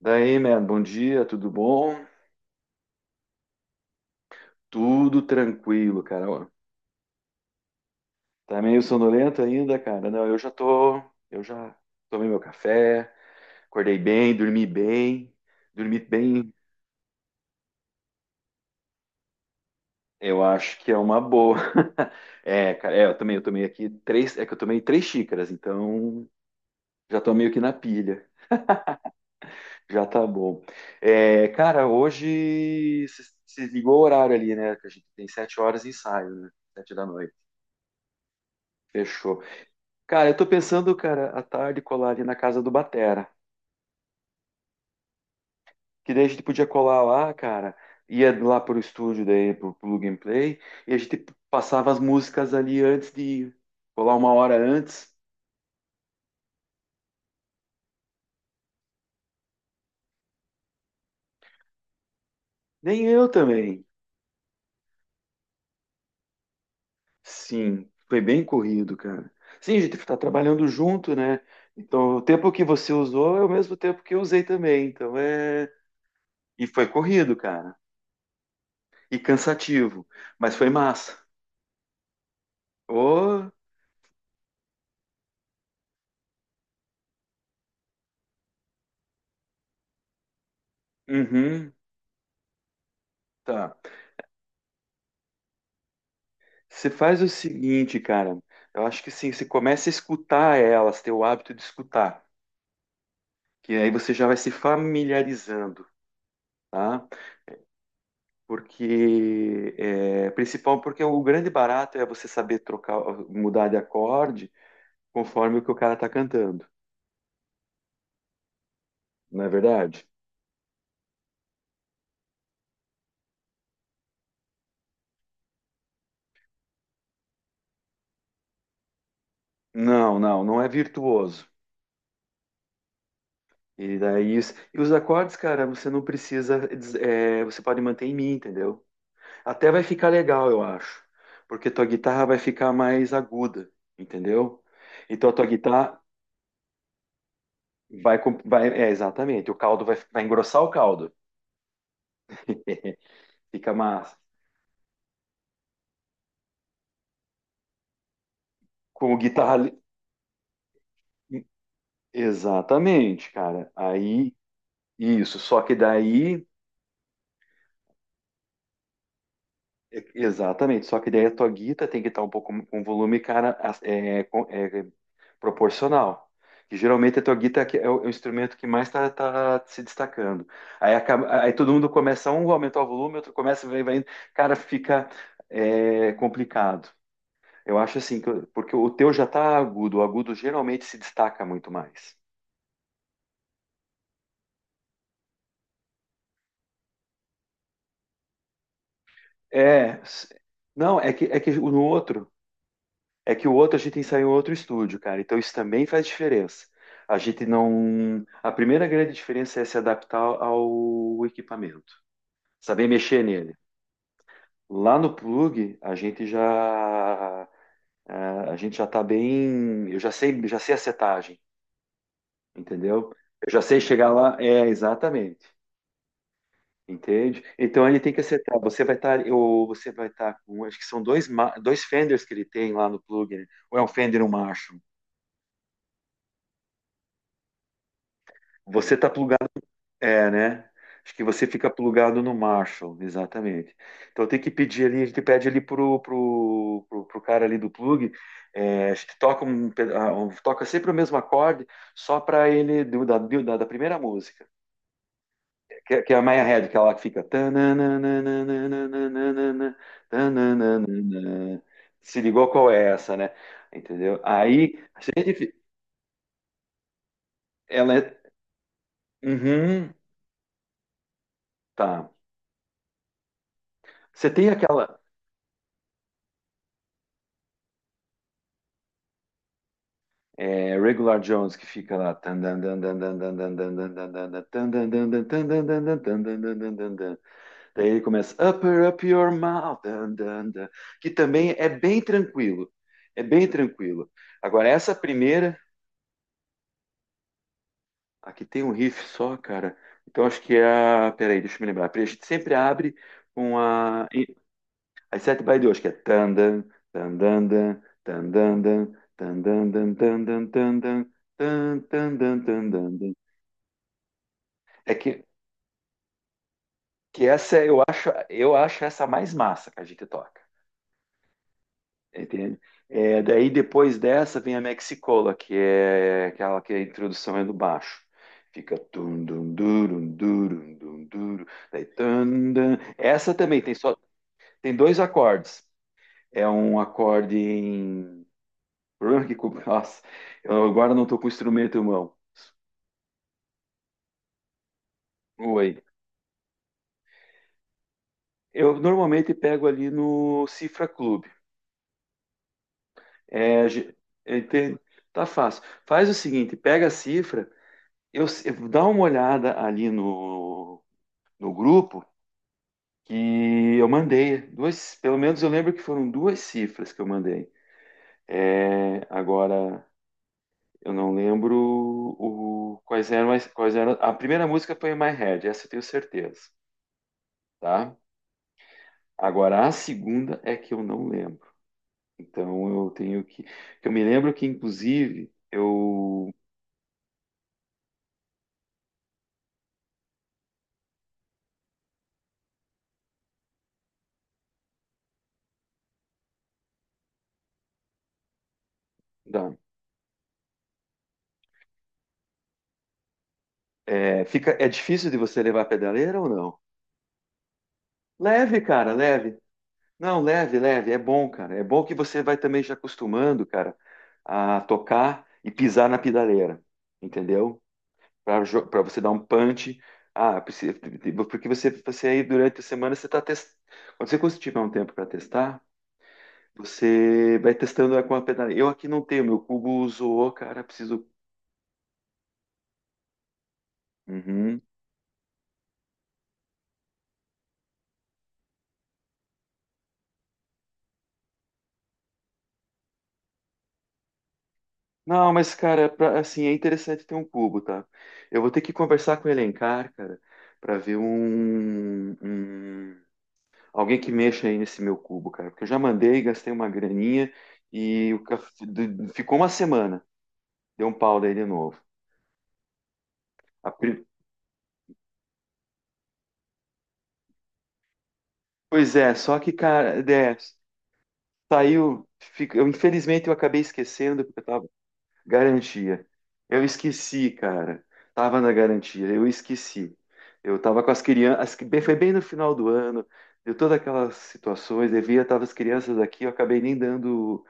Daí, man, bom dia, tudo bom? Tudo tranquilo, cara. Ó, tá meio sonolento ainda, cara? Não, eu já tomei meu café, acordei bem, dormi bem, dormi bem. Eu acho que é uma boa. É, cara, é, eu também, eu tomei aqui três, é que eu tomei três xícaras, então já tô meio que na pilha. Já tá bom. É, cara, hoje se ligou o horário ali, né? Que a gente tem 7 horas de ensaio, né? 7 da noite. Fechou. Cara, eu tô pensando, cara, à tarde colar ali na casa do Batera. Que daí a gente podia colar lá, cara. Ia lá pro estúdio daí, pro Plug and Play. E a gente passava as músicas ali antes de ir. Colar uma hora antes. Nem eu também. Sim, foi bem corrido, cara. Sim, a gente tá trabalhando junto, né? Então, o tempo que você usou é o mesmo tempo que eu usei também. Então, é. E foi corrido, cara. E cansativo. Mas foi massa. Ô, uhum, tá. Você faz o seguinte, cara. Eu acho que sim, você começa a escutar elas, ter o hábito de escutar, que aí você já vai se familiarizando, tá? Porque é principal, porque o grande barato é você saber trocar, mudar de acorde conforme o que o cara tá cantando, não é verdade? Não, não, não é virtuoso. E daí, e os acordes, cara, você não precisa, é, você pode manter em mim, entendeu? Até vai ficar legal, eu acho, porque tua guitarra vai ficar mais aguda, entendeu? Então a tua guitarra vai, é exatamente, o caldo vai engrossar o caldo, fica massa. Com o guitarra, exatamente, cara. Aí, isso, só que daí exatamente, só que daí a tua guita tem que estar um pouco com volume, cara, é, é, proporcional. E geralmente a tua guita é o instrumento que mais está se destacando. Aí, aí todo mundo começa, um aumentar o volume, outro começa, vai, vai, indo. Cara, fica, é, complicado. Eu acho assim, porque o teu já está agudo, o agudo geralmente se destaca muito mais. É, não, é que no outro. É que o outro a gente ensaiou em outro estúdio, cara. Então isso também faz diferença. A gente não. A primeira grande diferença é se adaptar ao equipamento, saber mexer nele. Lá no plug, é, a gente já tá bem. Eu já sei a setagem, entendeu? Eu já sei chegar lá. É, exatamente. Entende? Então ele tem que acertar. Ou você vai estar com, acho que são dois, dois fenders que ele tem lá no plug, né? Ou é um fender e um Marshall. Você está plugado. É, né? Acho que você fica plugado no Marshall, exatamente. Então tem que pedir ali, a gente pede ali pro cara ali do plug, é, a gente toca, toca sempre o mesmo acorde, só para ele, da primeira música, que é a Maya Head, que ela fica, tananananananananana, tanananana. Se ligou qual é essa, né? Entendeu? Aí, se a gente, ela é. Uhum, tá. Você tem aquela. É, Regular Jones que fica lá. Daí ele começa Upper Up Your Mouth, que também é bem tranquilo. É bem tranquilo. Agora, essa primeira, aqui tem um riff só, cara. Então acho que é a. Peraí, deixa eu me lembrar. Porque a gente sempre abre com a. As sete by 2, que é tan, dan, dan, tan, dan, dan, tan, dan. É que essa eu acho, essa a mais massa que a gente toca, entende? É, daí depois dessa vem a Mexicola, que é aquela que a introdução é do baixo. Fica tum dum durum durum dum duro, daí tum, dum. Essa também tem dois acordes. É um acorde em o problema é que nossa, eu agora não estou com o instrumento em mão. Oi. Eu normalmente pego ali no Cifra Club. É, eu tá fácil. Faz o seguinte, pega a cifra, eu, se- dá uma olhada ali no grupo que eu mandei. Duas, pelo menos eu lembro que foram duas cifras que eu mandei. É, agora eu não lembro o, quais eram as, quais eram. A primeira música foi My Head, essa eu tenho certeza, tá? Agora a segunda é que eu não lembro. Então eu tenho que. Eu me lembro que inclusive eu dá. É, fica, é difícil de você levar a pedaleira ou não? Leve, cara, leve. Não, leve, leve. É bom, cara. É bom que você vai também já acostumando, cara, a tocar e pisar na pedaleira, entendeu? Para você dar um punch. Ah, porque você aí durante a semana você está testando. Quando você tiver um tempo para testar, você vai testando com a pedaleira. Eu aqui não tenho, meu cubo zoou, cara. Preciso. Uhum. Não, mas, cara, é assim, é interessante ter um cubo, tá? Eu vou ter que conversar com o Elencar, cara, pra ver alguém que mexa aí nesse meu cubo, cara. Porque eu já mandei, gastei uma graninha e o ficou uma semana. Deu um pau daí de novo. A pri- Pois é, só que, cara, é, saiu, eu, infelizmente, eu acabei esquecendo, porque eu tava. Garantia. Eu esqueci, cara. Tava na garantia, eu esqueci. Eu tava com as crianças, foi bem no final do ano, deu todas aquelas situações, devia, tava as crianças aqui, eu acabei nem dando,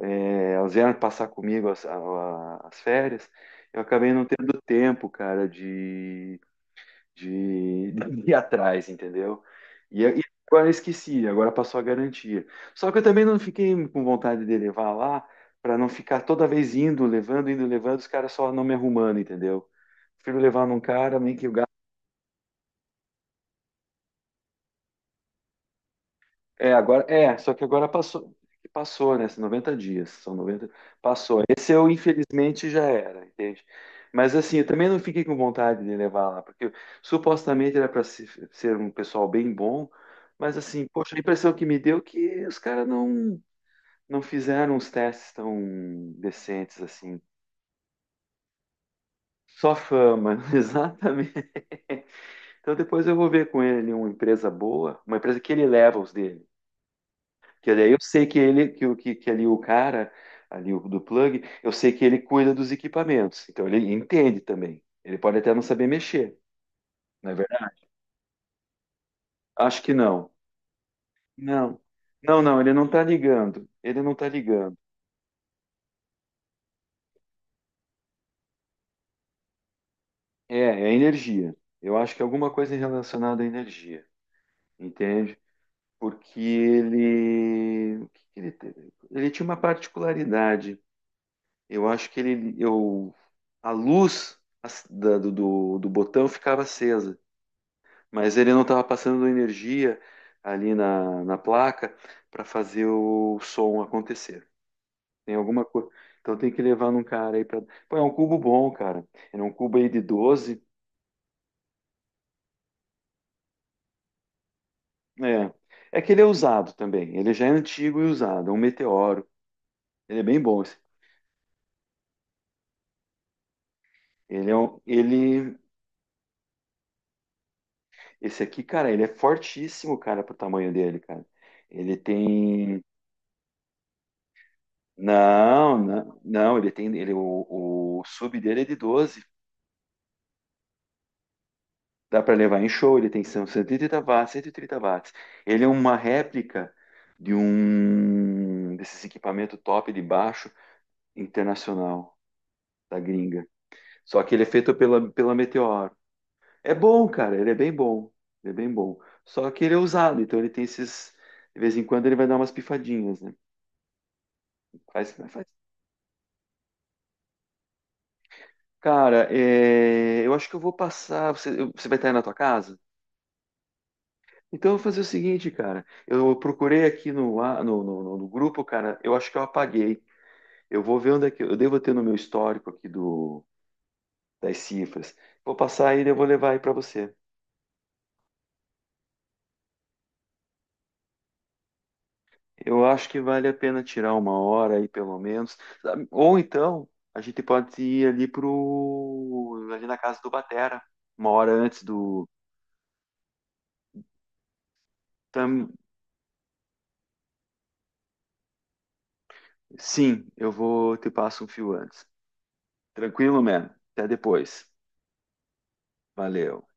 é, elas vieram passar comigo as férias, eu acabei não tendo tempo, cara, de ir atrás, entendeu? E agora eu esqueci, agora passou a garantia. Só que eu também não fiquei com vontade de levar lá para não ficar toda vez indo, levando, os caras só não me arrumando, entendeu? Prefiro levar num cara, nem que eu. É, agora, é, só que agora passou, né? São 90 dias, são 90, passou. Esse eu, infelizmente, já era, entende? Mas assim, eu também não fiquei com vontade de levar lá, porque supostamente era para ser um pessoal bem bom, mas assim, poxa, a impressão que me deu é que os caras não fizeram os testes tão decentes assim. Só fama, exatamente. Então depois eu vou ver com ele uma empresa boa, uma empresa que ele leva os dele. Porque daí eu sei que ele, que ali o cara, ali o do plug, eu sei que ele cuida dos equipamentos. Então ele entende também. Ele pode até não saber mexer, não é verdade? Acho que não. Não. Não, não, ele não tá ligando. Ele não tá ligando. É energia. Eu acho que é alguma coisa relacionada à energia, entende? Porque ele, o que que ele, teve? Ele tinha uma particularidade. Eu acho que ele, eu, a luz do botão ficava acesa. Mas ele não estava passando energia ali na placa para fazer o som acontecer. Tem alguma coisa. Então tem que levar num cara aí para. Pô, é um cubo bom, cara. Era um cubo aí de 12. É. É que ele é usado também. Ele já é antigo e usado. É um meteoro. Ele é bem bom. Esse. Ele é um, ele. Esse aqui, cara, ele é fortíssimo, cara, pro tamanho dele, cara. Ele tem. Não, não, não, ele tem. Ele, o sub dele é de 12. Dá para levar em show, ele tem são 130 watts, 130 watts. Ele é uma réplica de um desses equipamentos top de baixo internacional da gringa. Só que ele é feito pela Meteoro. É bom, cara, ele é bem bom. Ele é bem bom. Só que ele é usado, então ele tem esses. De vez em quando ele vai dar umas pifadinhas, né? Faz, faz. Cara, é, eu acho que eu vou passar. Você vai estar aí na tua casa? Então, eu vou fazer o seguinte, cara. Eu procurei aqui no grupo, cara. Eu acho que eu apaguei. Eu vou ver onde é que eu devo ter no meu histórico aqui das cifras. Vou passar aí e eu vou levar aí para você. Eu acho que vale a pena tirar uma hora aí, pelo menos. Sabe? Ou então, a gente pode ir ali ali na casa do Batera, uma hora antes do. Tam- Sim, eu vou te passo um fio antes. Tranquilo, man. Até depois. Valeu.